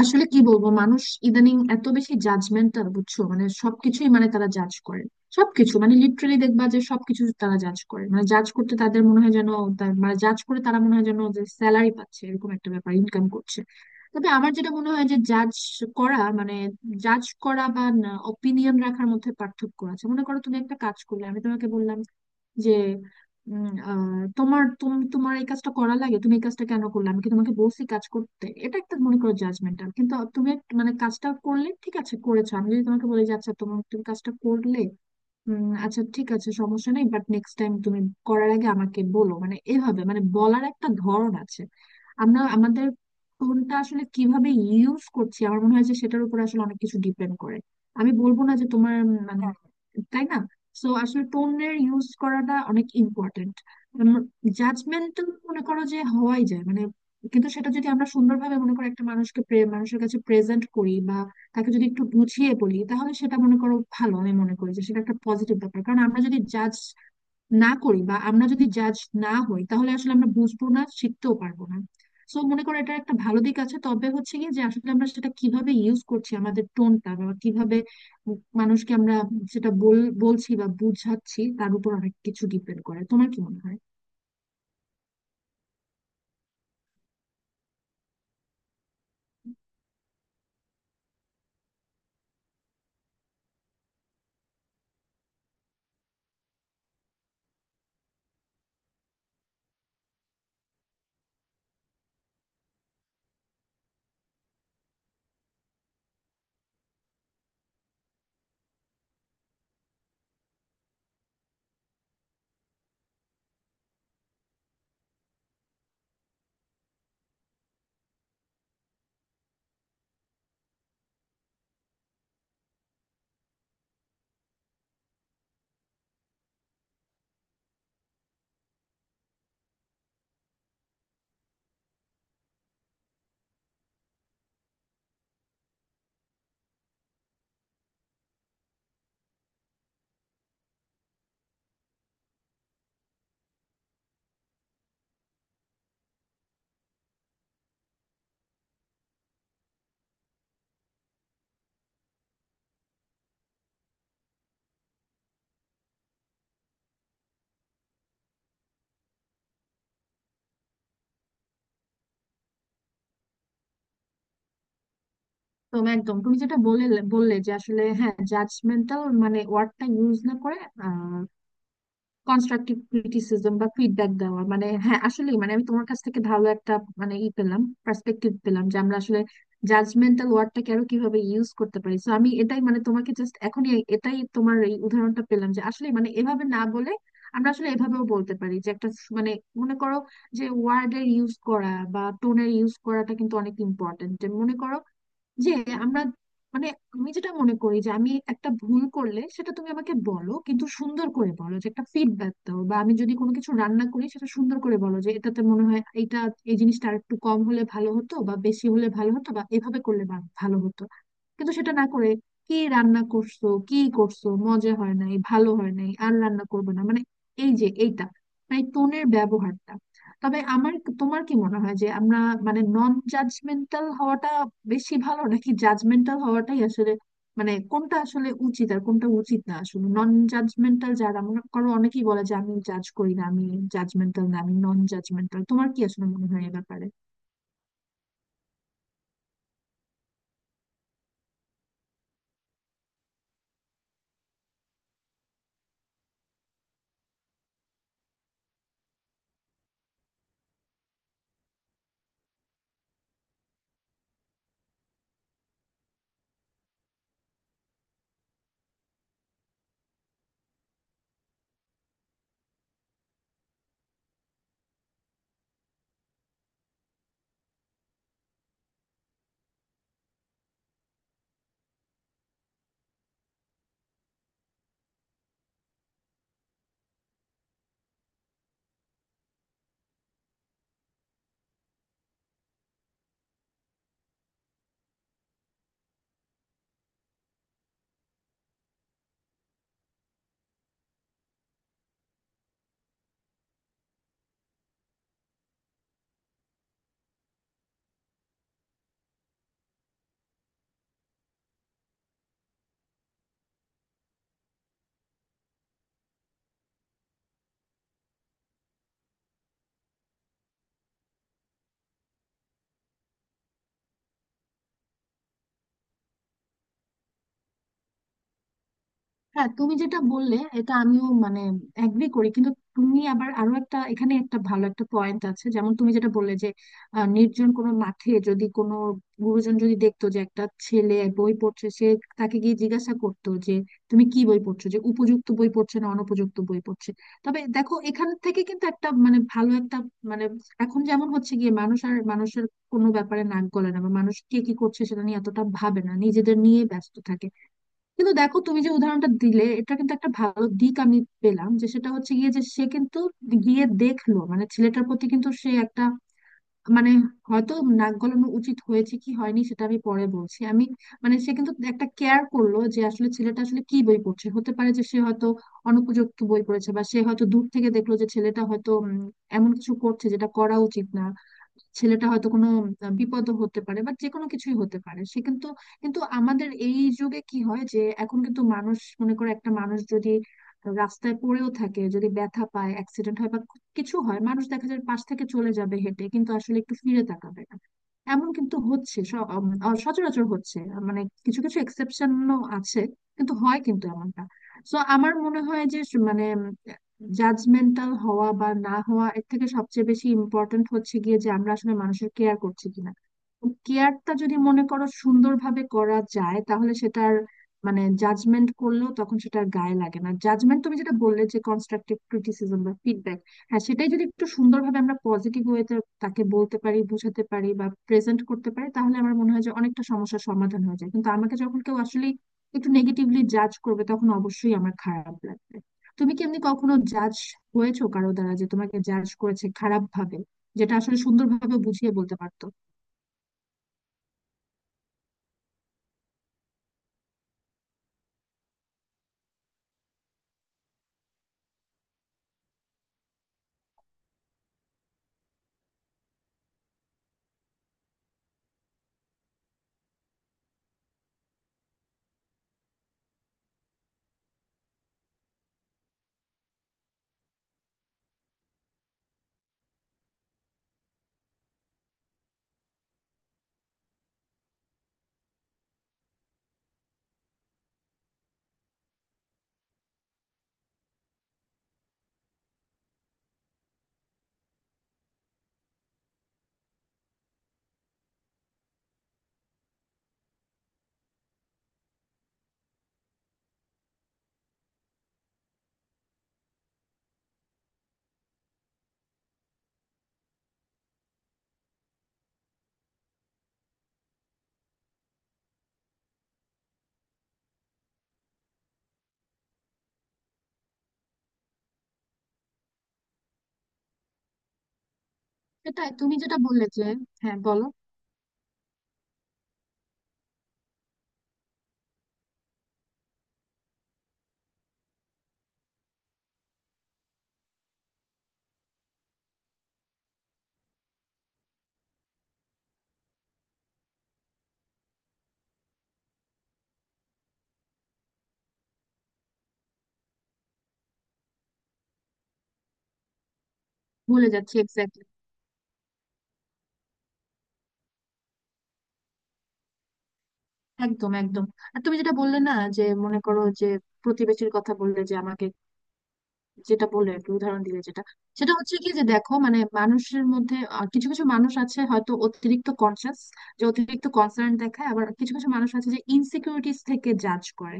আসলে কি বলবো, মানুষ ইদানিং এত বেশি জাজমেন্টাল, বুঝছো? মানে সবকিছুই, মানে তারা জাজ করে সবকিছু। মানে লিটারালি দেখবা যে সবকিছু তারা জাজ করে। মানে জাজ করতে তাদের মনে হয় যেন মানে জাজ করে তারা, মনে হয় যেন যে স্যালারি পাচ্ছে, এরকম একটা ব্যাপার, ইনকাম করছে। তবে আমার যেটা মনে হয় যে জাজ করা মানে, জাজ করা বা অপিনিয়ন রাখার মধ্যে পার্থক্য আছে। মনে করো তুমি একটা কাজ করলে, আমি তোমাকে বললাম যে উম, আহ, তোমার এই কাজটা করা লাগে? তুমি এই কাজটা কেন করলে? আমি কি তোমাকে বলছি কাজ করতে? এটা একটা, মনে করো, জাজমেন্টাল। কিন্তু তুমি মানে কাজটা করলে ঠিক আছে, করেছো। আমি যদি তোমাকে বলি যে আচ্ছা, তুমি কাজটা করলে, আচ্ছা ঠিক আছে, সমস্যা নেই, বাট নেক্সট টাইম তুমি করার আগে আমাকে বলো। মানে এভাবে, মানে বলার একটা ধরন আছে। আমরা আমাদের টোনটা আসলে কিভাবে ইউজ করছি, আমার মনে হয় যে সেটার উপর আসলে অনেক কিছু ডিপেন্ড করে। আমি বলবো না যে তোমার মানে, তাই না? সো আসলে টোনের ইউজ করাটা অনেক ইম্পর্টেন্ট। জাজমেন্টাল মনে করো যে হওয়াই যায়, মানে। কিন্তু সেটা যদি আমরা সুন্দরভাবে, মনে করো, একটা মানুষকে মানুষের কাছে প্রেজেন্ট করি, বা তাকে যদি একটু গুছিয়ে বলি, তাহলে সেটা, মনে করো, ভালো। আমি মনে করি যে সেটা একটা পজিটিভ ব্যাপার। কারণ আমরা যদি জাজ না করি, বা আমরা যদি জাজ না হই, তাহলে আসলে আমরা বুঝবো না, শিখতেও পারবো না। সো মনে করো, এটা একটা ভালো দিক আছে। তবে হচ্ছে কি, যে আসলে আমরা সেটা কিভাবে ইউজ করছি, আমাদের টোনটা, বা কিভাবে মানুষকে আমরা সেটা বলছি বা বুঝাচ্ছি, তার উপর অনেক কিছু ডিপেন্ড করে। তোমার কি মনে হয়? তো একদম, তুমি যেটা বললে যে আসলে হ্যাঁ, জাজমেন্টাল মানে ওয়ার্ডটা ইউজ না করে কনস্ট্রাকটিভ ক্রিটিসিজম বা ফিডব্যাক দেওয়া, মানে হ্যাঁ আসলে, মানে আমি তোমার কাছ থেকে ভালো একটা, মানে ই পেলাম, পার্সপেক্টিভ পেলাম, যে আমরা আসলে জাজমেন্টাল ওয়ার্ডটাকে আরো কিভাবে ইউজ করতে পারি। তো আমি এটাই, মানে তোমাকে জাস্ট এখনই এটাই, তোমার এই উদাহরণটা পেলাম, যে আসলে মানে এভাবে না বলে আমরা আসলে এভাবেও বলতে পারি, যে একটা মানে, মনে করো যে ওয়ার্ডের ইউজ করা বা টোনের ইউজ করাটা কিন্তু অনেক ইম্পর্টেন্ট। মনে করো যে আমরা, মানে আমি যেটা মনে করি যে আমি একটা ভুল করলে সেটা তুমি আমাকে বলো, কিন্তু সুন্দর করে বলো, যে একটা ফিডব্যাক দাও, বা আমি যদি কোনো কিছু রান্না করি, সেটা সুন্দর করে বলো যে এটাতে মনে হয় এটা, এই জিনিসটা আর একটু কম হলে ভালো হতো, বা বেশি হলে ভালো হতো, বা এভাবে করলে ভালো হতো। কিন্তু সেটা না করে, কি রান্না করছো, কি করছো, মজা হয় নাই, ভালো হয় নাই, আর রান্না করবে না, মানে এই যে এইটা, মানে টোনের ব্যবহারটা। তবে আমার, তোমার কি মনে হয় যে আমরা, মানে নন জাজমেন্টাল হওয়াটা বেশি ভালো, নাকি জাজমেন্টাল হওয়াটাই আসলে, মানে কোনটা আসলে উচিত আর কোনটা উচিত না? আসলে নন জাজমেন্টাল যারা, মনে করো অনেকেই বলে যে আমি জাজ করি না, আমি জাজমেন্টাল না, আমি নন জাজমেন্টাল। তোমার কি আসলে মনে হয় এ ব্যাপারে? হ্যাঁ, তুমি যেটা বললে এটা আমিও মানে এগ্রি করি। কিন্তু তুমি আবার আরো একটা, এখানে একটা ভালো একটা পয়েন্ট আছে। যেমন তুমি যেটা বললে যে নির্জন কোনো মাঠে যদি কোনো গুরুজন যদি দেখতো যে একটা ছেলে বই পড়ছে, সে তাকে গিয়ে জিজ্ঞাসা করতো যে তুমি কি বই পড়ছো, যে উপযুক্ত বই পড়ছে না অনুপযুক্ত বই পড়ছে। তবে দেখো, এখান থেকে কিন্তু একটা, মানে ভালো একটা, মানে এখন যেমন হচ্ছে গিয়ে, মানুষ আর মানুষের কোনো ব্যাপারে নাক গলে না, বা মানুষ কে কি করছে সেটা নিয়ে এতটা ভাবে না, নিজেদের নিয়ে ব্যস্ত থাকে। কিন্তু দেখো, তুমি যে উদাহরণটা দিলে, এটা কিন্তু একটা ভালো দিক আমি পেলাম, যে সেটা হচ্ছে গিয়ে যে সে কিন্তু গিয়ে দেখলো, মানে ছেলেটার প্রতি কিন্তু সে একটা, মানে হয়তো নাক গলানো উচিত হয়েছে কি হয়নি সেটা আমি পরে বলছি। আমি মানে সে কিন্তু একটা কেয়ার করলো যে আসলে ছেলেটা আসলে কি বই পড়ছে। হতে পারে যে সে হয়তো অনুপযুক্ত বই পড়েছে, বা সে হয়তো দূর থেকে দেখলো যে ছেলেটা হয়তো এমন কিছু করছে যেটা করা উচিত না। ছেলেটা হয়তো কোনো বিপদ হতে পারে, বা যে কোনো কিছুই হতে পারে, সে কিন্তু। কিন্তু আমাদের এই যুগে কি হয়, যে এখন কিন্তু মানুষ, মনে করো একটা মানুষ যদি রাস্তায় পড়েও থাকে, যদি ব্যথা পায়, অ্যাক্সিডেন্ট হয় বা কিছু হয়, মানুষ দেখা যায় পাশ থেকে চলে যাবে হেঁটে, কিন্তু আসলে একটু ফিরে তাকাবে না। এমন কিন্তু হচ্ছে, সচরাচর হচ্ছে। মানে কিছু কিছু এক্সেপশনও আছে, কিন্তু হয় কিন্তু এমনটা। সো আমার মনে হয় যে মানে, জাজমেন্টাল হওয়া বা না হওয়া এর থেকে সবচেয়ে বেশি ইম্পর্ট্যান্ট হচ্ছে গিয়ে যে আমরা আসলে মানুষের কেয়ার করছি কিনা। কেয়ারটা যদি, মনে করো, সুন্দরভাবে করা যায়, তাহলে সেটার, মানে জাজমেন্ট করলেও তখন সেটা আর গায়ে লাগে না। জাজমেন্ট, তুমি যেটা বললে যে কনস্ট্রাকটিভ ক্রিটিসিজম বা ফিডব্যাক, হ্যাঁ সেটাই যদি একটু সুন্দরভাবে আমরা পজিটিভ ওয়েতে তাকে বলতে পারি, বোঝাতে পারি বা প্রেজেন্ট করতে পারি, তাহলে আমার মনে হয় যে অনেকটা সমস্যার সমাধান হয়ে যায়। কিন্তু আমাকে যখন কেউ আসলে একটু নেগেটিভলি জাজ করবে, তখন অবশ্যই আমার খারাপ লাগবে। তুমি কি এমনি কখনো জাজ হয়েছো কারো দ্বারা, যে তোমাকে জাজ করেছে খারাপ ভাবে, যেটা আসলে সুন্দরভাবে বুঝিয়ে বলতে পারতো? সেটাই তুমি যেটা বললে যে, হ্যাঁ বলো। ভুলে যাচ্ছি, এক্স্যাক্টলি। একদম, একদম। আর তুমি যেটা বললে না, যে মনে করো যে প্রতিবেশীর কথা বললে, যে আমাকে যেটা বললে আর কি, উদাহরণ দিলে, যেটা সেটা হচ্ছে কি, যে দেখো মানে মানুষের মধ্যে কিছু কিছু মানুষ আছে হয়তো অতিরিক্ত কনসিয়াস, যে অতিরিক্ত কনসার্ন দেখায়। আবার কিছু কিছু মানুষ আছে যে ইনসিকিউরিটিস থেকে জাজ করে।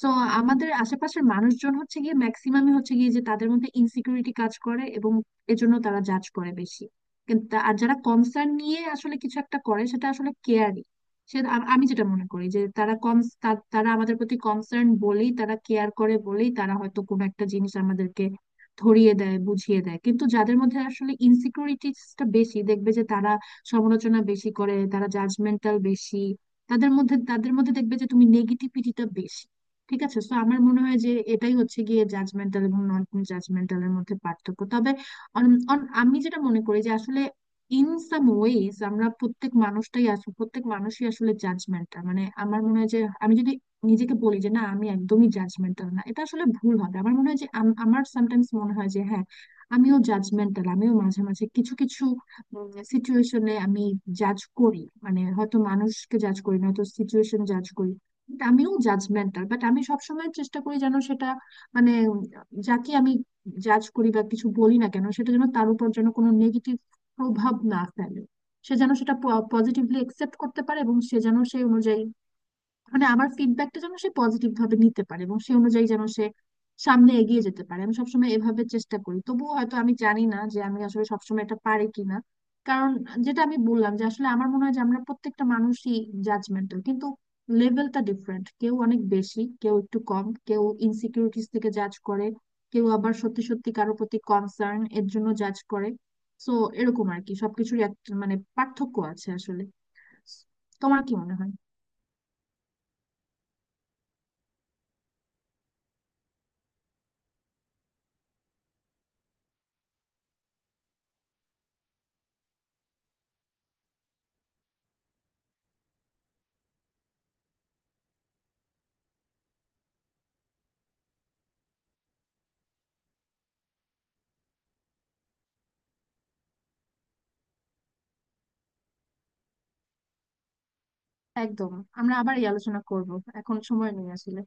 সো আমাদের আশেপাশের মানুষজন হচ্ছে গিয়ে, ম্যাক্সিমামই হচ্ছে গিয়ে যে তাদের মধ্যে ইনসিকিউরিটি কাজ করে, এবং এজন্য তারা জাজ করে বেশি। কিন্তু আর যারা কনসার্ন নিয়ে আসলে কিছু একটা করে, সেটা আসলে কেয়ারই। আমি যেটা মনে করি যে তারা কম, তারা আমাদের প্রতি কনসার্ন বলেই, তারা কেয়ার করে বলেই, তারা হয়তো কোনো একটা জিনিস আমাদেরকে ধরিয়ে দেয়, বুঝিয়ে দেয়। কিন্তু যাদের মধ্যে আসলে ইনসিকিউরিটিসটা বেশি, দেখবে যে তারা সমালোচনা বেশি করে, তারা জাজমেন্টাল বেশি। তাদের মধ্যে দেখবে যে তুমি নেগেটিভিটিটা বেশি। ঠিক আছে। তো আমার মনে হয় যে এটাই হচ্ছে গিয়ে জাজমেন্টাল এবং নন জাজমেন্টালের মধ্যে পার্থক্য। তবে আমি যেটা মনে করি যে আসলে ইন সাম ওয়েজ আমরা প্রত্যেক মানুষটাই আসলে, প্রত্যেক মানুষই আসলে জাজমেন্টাল। মানে আমার মনে হয় যে আমি যদি নিজেকে বলি যে না, আমি একদমই জাজমেন্টাল না, এটা আসলে ভুল হবে। আমার মনে হয় যে আমার সামটাইমস মনে হয় যে হ্যাঁ, আমিও জাজমেন্টাল। আমিও মাঝে মাঝে কিছু কিছু সিচুয়েশনে আমি জাজ করি, মানে হয়তো মানুষকে জাজ করি না, হয়তো সিচুয়েশন জাজ করি। But আমিও জাজমেন্টাল, বাট আমি সবসময় চেষ্টা করি যেন সেটা, মানে যাকে আমি জাজ করি বা কিছু বলি না কেন, সেটা যেন তার উপর যেন কোনো নেগেটিভ প্রভাব না ফেলে। সে যেন সেটা পজিটিভলি একসেপ্ট করতে পারে, এবং সে যেন সেই অনুযায়ী, মানে আমার ফিডব্যাকটা যেন সে পজিটিভ ভাবে নিতে পারে, এবং সে অনুযায়ী যেন সে সামনে এগিয়ে যেতে পারে। আমি সবসময় এভাবে চেষ্টা করি, তবুও হয়তো আমি জানি না যে আমি আসলে সবসময় এটা পারি কিনা। কারণ যেটা আমি বললাম যে আসলে আমার মনে হয় যে আমরা প্রত্যেকটা মানুষই জাজমেন্টাল, কিন্তু লেভেলটা ডিফারেন্ট। কেউ অনেক বেশি, কেউ একটু কম, কেউ ইনসিকিউরিটিস থেকে জাজ করে, কেউ আবার সত্যি সত্যি কারোর প্রতি কনসার্ন এর জন্য জাজ করে। সো এরকম আর কি, সবকিছুরই একটা, মানে পার্থক্য আছে আসলে। তোমার কি মনে হয়? একদম। আমরা আবার এই আলোচনা করব, এখন সময় নেই আসলে।